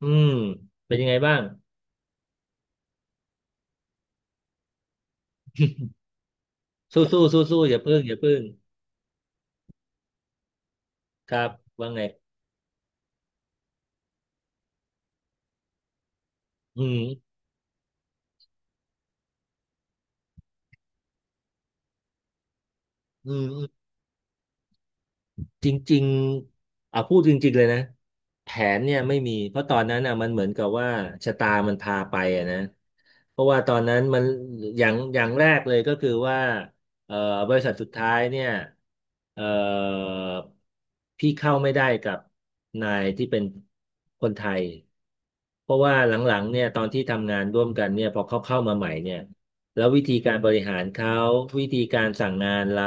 อืม เป็นยังไงบ้าง สู้ สู้สู้สู้อย่าพึ่งอย่าพึ่งครับ ว่าไงอืมอืม จริงๆอ่ะพูดจริงๆเลยนะแผนเนี่ยไม่มีเพราะตอนนั้นอ่ะมันเหมือนกับว่าชะตามันพาไปอ่ะนะเพราะว่าตอนนั้นมันอย่างแรกเลยก็คือว่าเอ่อบริษัทสุดท้ายเนี่ยเอ่อพี่เข้าไม่ได้กับนายที่เป็นคนไทยเพราะว่าหลังๆเนี่ยตอนที่ทำงานร่วมกันเนี่ยพอเขาเข้ามาใหม่เนี่ยแล้ววิธีการบริหารเขาวิธีการสั่งงานเรา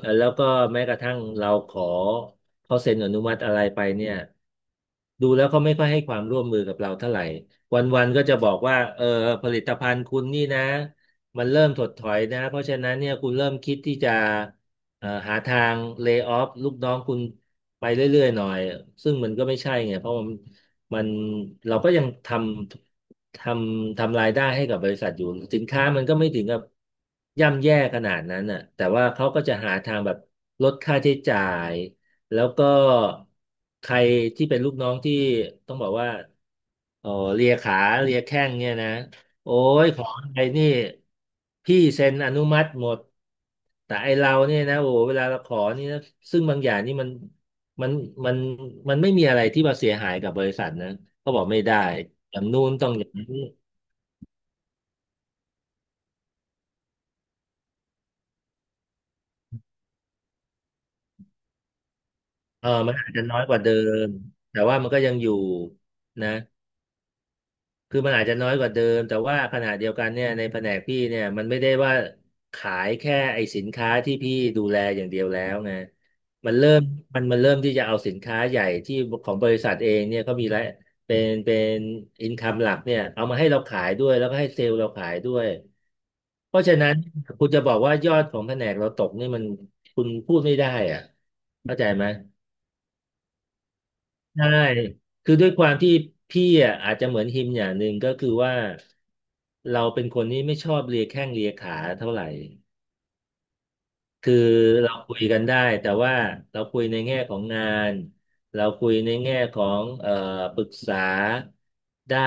แล้วก็แม้กระทั่งเราขอเขาเซ็นอนุมัติอะไรไปเนี่ยดูแล้วเขาไม่ค่อยให้ความร่วมมือกับเราเท่าไหร่วันๆก็จะบอกว่าเออผลิตภัณฑ์คุณนี่นะมันเริ่มถดถอยนะเพราะฉะนั้นเนี่ยคุณเริ่มคิดที่จะหาทางเล y o ออฟลูกน้องคุณไปเรื่อยๆหน่อยซึ่งมันก็ไม่ใช่ไงเพราะมันเราก็ยังทำ ททำรายได้ให้กับบริษัทอยู่สินค้ามันก็ไม่ถึงกับย่ำแย่ขนาดนั้นน่ะแต่ว่าเขาก็จะหาทางแบบลดค่าใช้จ่ายแล้วก็ใครที่เป็นลูกน้องที่ต้องบอกว่าเออเลียขาเลียแข้งเนี่ยนะโอ้ยของอะไรนี่พี่เซ็นอนุมัติหมดแต่ไอเราเนี่ยนะโอ้โหเวลาเราขอนี่นะซึ่งบางอย่างนี่มันมันมันไม่มีอะไรที่มาเสียหายกับบริษัทนะเขาบอกไม่ได้อย่างนู้นต้องอย่างนี้ เออมันอาจจะน้อยกว่าเดิมแต่ว่ามันก็ยังอยู่นะคือมันอาจจะน้อยกว่าเดิมแต่ว่าขณะเดียวกันเนี่ยในแผนกพี่เนี่ยมันไม่ได้ว่าขายแค่ไอ้สินค้าที่พี่ดูแลอย่างเดียวแล้วไงมันเริ่มมันเริ่มที่จะเอาสินค้าใหญ่ที่ของบริษัทเองเนี่ยเขามีรายเป็นอินคัมหลักเนี่ยเอามาให้เราขายด้วยแล้วก็ให้เซลล์เราขายด้วย เพราะฉะนั้นคุณจะบอกว่ายอดของแผนกเราตกนี่มันคุณพูดไม่ได้อ่ะเข้าใจไหม ใช่ คือด้วยความที่พี่อ่ะอาจจะเหมือนฮิมอย่างหนึ่งก็คือว่าเราเป็นคนที่ไม่ชอบเลียแข้งเลียขาเท่าไหร่ คือเราคุยกันได้แต่ว่าเราคุยในแง่ของงานเราคุยในแง่ของปรึกษาได้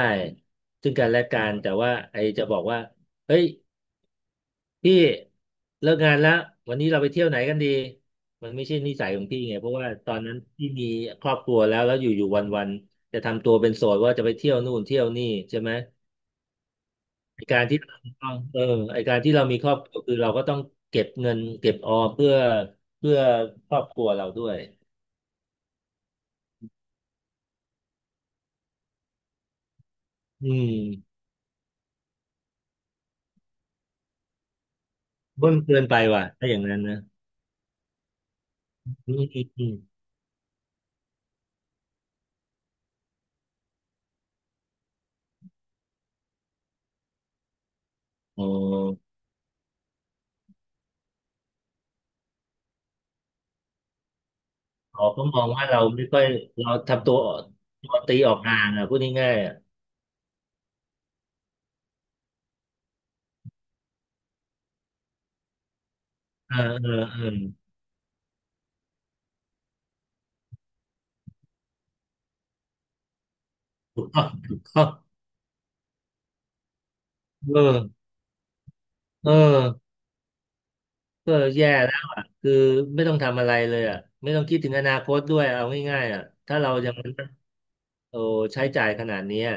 ซึ่งกันและกันแต่ว่าไอจะบอกว่าเฮ้ย พี่เลิกงานแล้ววันนี้เราไปเที่ยวไหนกันดีมันไม่ใช่นิสัยของพี่ไงเพราะว่าตอนนั้นพี่มีครอบครัวแล้วแล้วอยู่ๆวันๆจะทำตัวเป็นโสดว่าจะไปเที่ยวนู่นเที่ยวนี่ใช่ไหมไอการที่เราต้องไอการที่เรามีครอบครัวคือเราก็ต้องเก็บเงินเก็บออมเพื่อครอบครัวเราด้วยอืมเบิ้ลเกินไปว่ะถ้าอย่างนั้นนะอืมอืมอืมโอ้เขาก็มองว่าเราไม่ค่อยเราทำตัวตีออกห่างอ่ะพูดง่ายๆอ่ะเออเออเออ ถูกต้องถูกต้องเออเออเออแย่แล้วอ่ะคือไม่ต้องทำอะไรเลยอ่ะไม่ต้องคิดถึงอนาคตด้วยเอาง่ายๆอ่ะถ้าเรายังโอ้ใช้จ่ายขนาดเนี้ย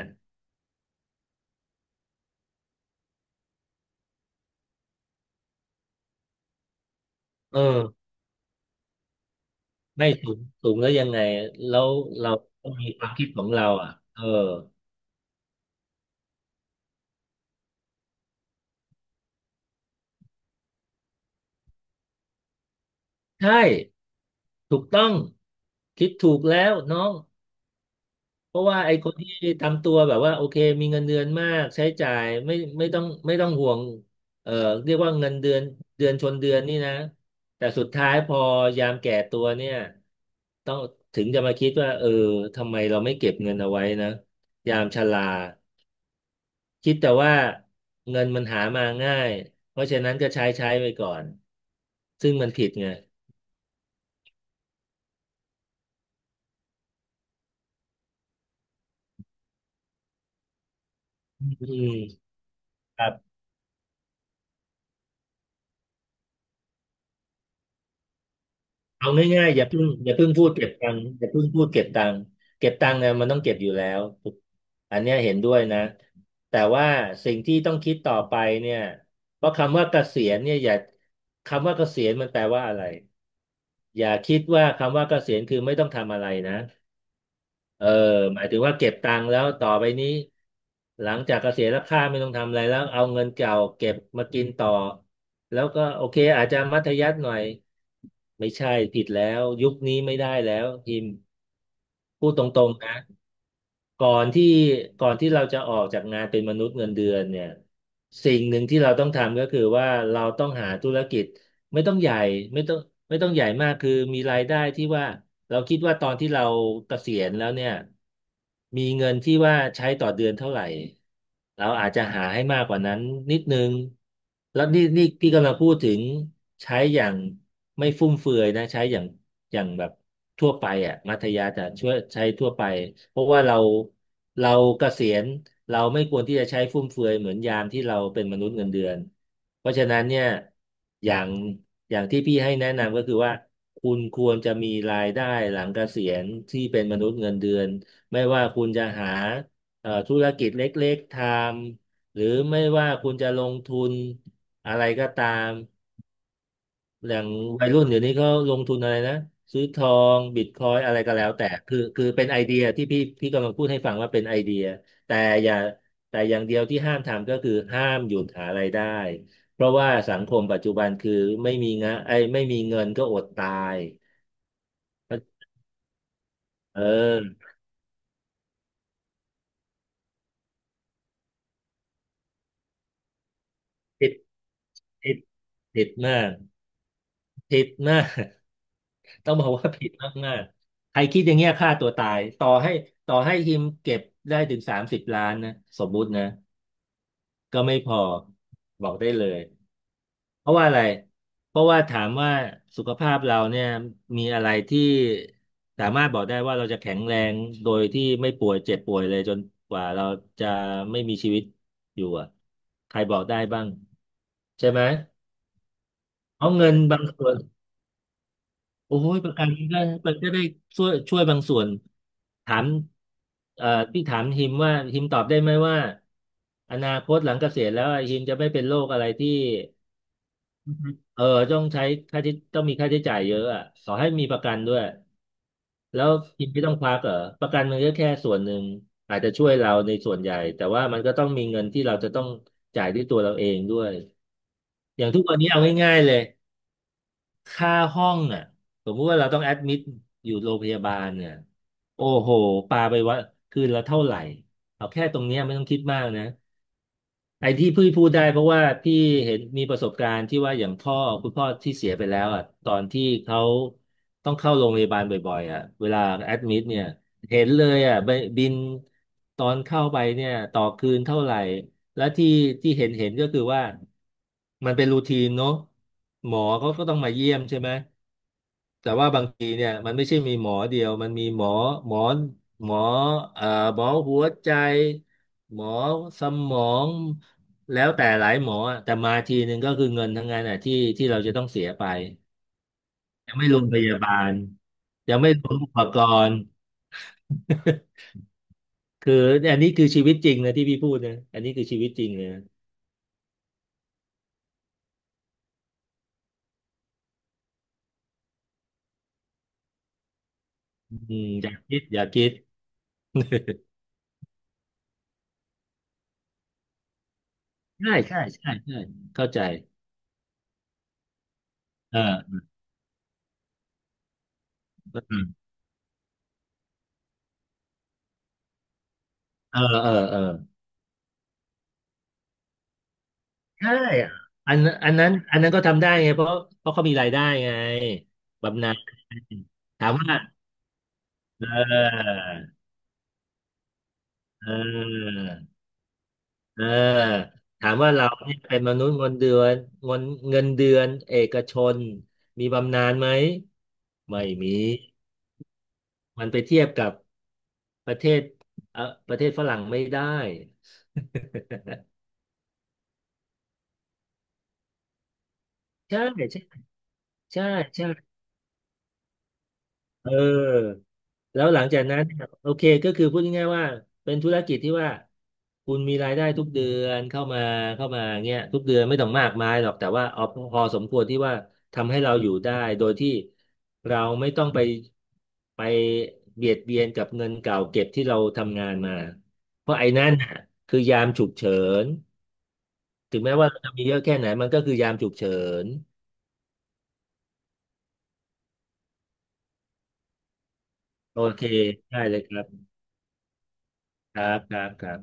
เออไม่สูงแล้วยังไงแล้วเราต้องมีความคิดของเราอ่ะเออใช่ ถูกต้อง คิดถูกแล้วน้อง เพราะว่าไอ้คนที่ทำตัวแบบว่าโอเคมีเงินเดือนมากใช้จ่ายไม่ต้องไม่ต้องห่วงเอ่อเรียกว่าเงินเดือนเดือนชนเดือนนี่นะแต่สุดท้ายพอยามแก่ตัวเนี่ยต้องถึงจะมาคิดว่าเออทำไมเราไม่เก็บเงินเอาไว้นะยามชราคิดแต่ว่าเงินมันหามาง่ายเพราะฉะนั้นก็ใช้ไปก่อนซึ่งมันผิดไงอืมครับ เอาง่ายๆอย่าเพิ่งพูดเก็บตังค์อย่าเพิ่งพูดเก็บตังค์เก็บตังค์เนี่ยมันต้องเก็บอยู่แล้วถูกอันเนี้ยเห็นด้วยนะแต่ว่าสิ่งที่ต้องคิดต่อไปเนี่ยเพราะคำว่าเกษียณเนี่ยอย่าคำว่าเกษียณมันแปลว่าอะไรอย่าคิดว่าคำว่าเกษียณคือไม่ต้องทำอะไรนะเออหมายถึงว่าเก็บตังค์แล้วต่อไปนี้หลังจากเกษียณแล้วข้าไม่ต้องทำอะไรแล้วเอาเงินเก่าเก็บมากินต่อแล้วก็โอเคอาจจะมัธยัสถ์หน่อย ไม่ใช่ผิดแล้วยุคนี้ไม่ได้แล้วพิมพ์พูดตรงๆนะก่อนที่ก่อนที่เราจะออกจากงานเป็นมนุษย์เงินเดือนเนี่ยสิ่งหนึ่งที่เราต้องทำก็คือว่าเราต้องหาธุรกิจไม่ต้องใหญ่ไม่ต้องไม่ต้องใหญ่มากคือมีรายได้ที่ว่าเราคิดว่าตอนที่เราเกษียณแล้วเนี่ยมีเงินที่ว่าใช้ต่อเดือนเท่าไหร่ เราอาจจะหาให้มากกว่านั้นนิดนึงแล้วนี่พี่กำลังพูดถึงใช้อย่างไม่ฟุ่มเฟือยนะใช้อย่างอย่างแบบทั่วไปอ่ะมัธยาจะช่วยใช้ทั่วไปเพราะว่าเราเกษียณเราไม่ควรที่จะใช้ฟุ่มเฟือยเหมือนยามที่เราเป็นมนุษย์เงินเดือนเพราะฉะนั้นเนี่ยอย่างอย่างที่พี่ให้แนะนำก็คือว่าคุณควรจะมีรายได้หลังเกษียณที่เป็นมนุษย์เงินเดือนไม่ว่าคุณจะหา ธุรกิจเล็กๆทำหรือไม่ว่าคุณจะลงทุนอะไรก็ตามอย่างวัยรุ่นเดี๋ยวนี้เขาลงทุนอะไรนะซื้อทองบิตคอยอะไรก็แล้วแต่คือเป็นไอเดียที่พี่กำลังพูดให้ฟังว่าเป็นไอเดียแต่อย่าแต่อย่างเดียวที่ห้ามทำก็คือห้ามหยุดหารายได้เพราะว่าสังคมปัจจุบันคือไม่มีงะไอ้ยไม่มีเงินก็อดตายเออติดติดติดมากติดมาก ต้องบอกว่าผิดมากๆใครคิดอย่างเงี้ยฆ่าตัวตายต่อให้ทีมเก็บได้ถึง30 ล้านนะสมมุตินะก็ไม่พอบอกได้เลยเพราะว่าอะไรเพราะว่าถามว่าสุขภาพเราเนี่ยมีอะไรที่สามารถบอกได้ว่าเราจะแข็งแรงโดยที่ไม่ป่วยเจ็บป่วยเลยจนกว่าเราจะไม่มีชีวิตอยู่อะใครบอกได้บ้างใช่ไหมเพราะเงินบางส่วน โอ้ยประกันก็มันก็ได้ช่วยบางส่วนถามเอ่อที่ถามฮิมว่าฮิมตอบได้ไหมว่าอนาคตหลังเกษียณแล้วฮิมจะไม่เป็นโรคอะไรที่อือฮึเออต้องใช้ค่าที่ต้องมีค่าใช้จ่ายเยอะอ่ะขอให้มีประกันด้วยแล้วฮิมไม่ต้องควักเหรอประกันมันก็แค่ส่วนหนึ่งอาจจะช่วยเราในส่วนใหญ่แต่ว่ามันก็ต้องมีเงินที่เราจะต้องจ่ายด้วยตัวเราเองด้วยอย่างทุกวันนี้เอาง่ายๆเลย ค่าห้องอ่ะสมมุติว่าเราต้องแอดมิดอยู่โรงพยาบาลเนี่ยโอ้โหปาไปว่าคืนละเท่าไหร่เอาแค่ตรงเนี้ยไม่ต้องคิดมากนะไอ้ที่พี่พูดได้เพราะว่าพี่เห็นมีประสบการณ์ที่ว่าอย่างพ่อคุณพ่อที่เสียไปแล้วอ่ะตอนที่เขาต้องเข้าโรงพยาบาลบ่อยๆอ่ะเวลาแอดมิดเนี่ยเห็นเลยอ่ะบบินตอนเข้าไปเนี่ยต่อคืนเท่าไหร่และที่เห็นก็คือว่ามันเป็นรูทีนเนอะหมอเขาก็ต้องมาเยี่ยมใช่ไหม แต่ว่าบางทีเนี่ยมันไม่ใช่มีหมอเดียวมันมีหมอหมอหมอเอ่อหมอหัวใจหมอสมองแล้วแต่หลายหมออะแต่มาทีหนึ่งก็คือเงินทั้งนั้นอ่ะที่เราจะต้องเสียไปยังไม่รวมพยาบาลยังไม่รวมอุปกรณ์ คืออันนี้คือชีวิตจริงนะที่พี่พูดนะอันนี้คือชีวิตจริงเลยนะอืมอย่าคิดใช่ใช่ใช่ใช่เข้าใจเออเออเออเออ ใช่อันอันนั้นก็ทำได้ไง เพราะเขามีรายได้ไงบำนาญถามว่าเออเออเออถามว่าเราเนี่ยเป็นมนุษย์เงินเดือนเงินเงินเดือนเอกชน มีบำนาญไหม ไม่มี มันไปเทียบกับประเทศเออประเทศฝรั่งไม่ได้ ใช่ ใช่ใช่ใช่ เออแล้วหลังจากนั้นเนี่ยโอเคก็คือพูดง่ายๆว่าเป็นธุรกิจที่ว่าคุณมีรายได้ทุกเดือนเข้ามาเงี้ยทุกเดือนไม่ต้องมากมายหรอกแต่ว่าเอาพอสมควรที่ว่าทำให้เราอยู่ได้โดยที่เราไม่ต้องไปเบียดเบียนกับเงินเก่าเก็บที่เราทำงานมาเพราะไอ้นั่นน่ะคือยามฉุกเฉินถึงแม้ว่าเราจะมีเยอะแค่ไหนมันก็คือยามฉุกเฉินโอเคได้เลยครับครับครับครับ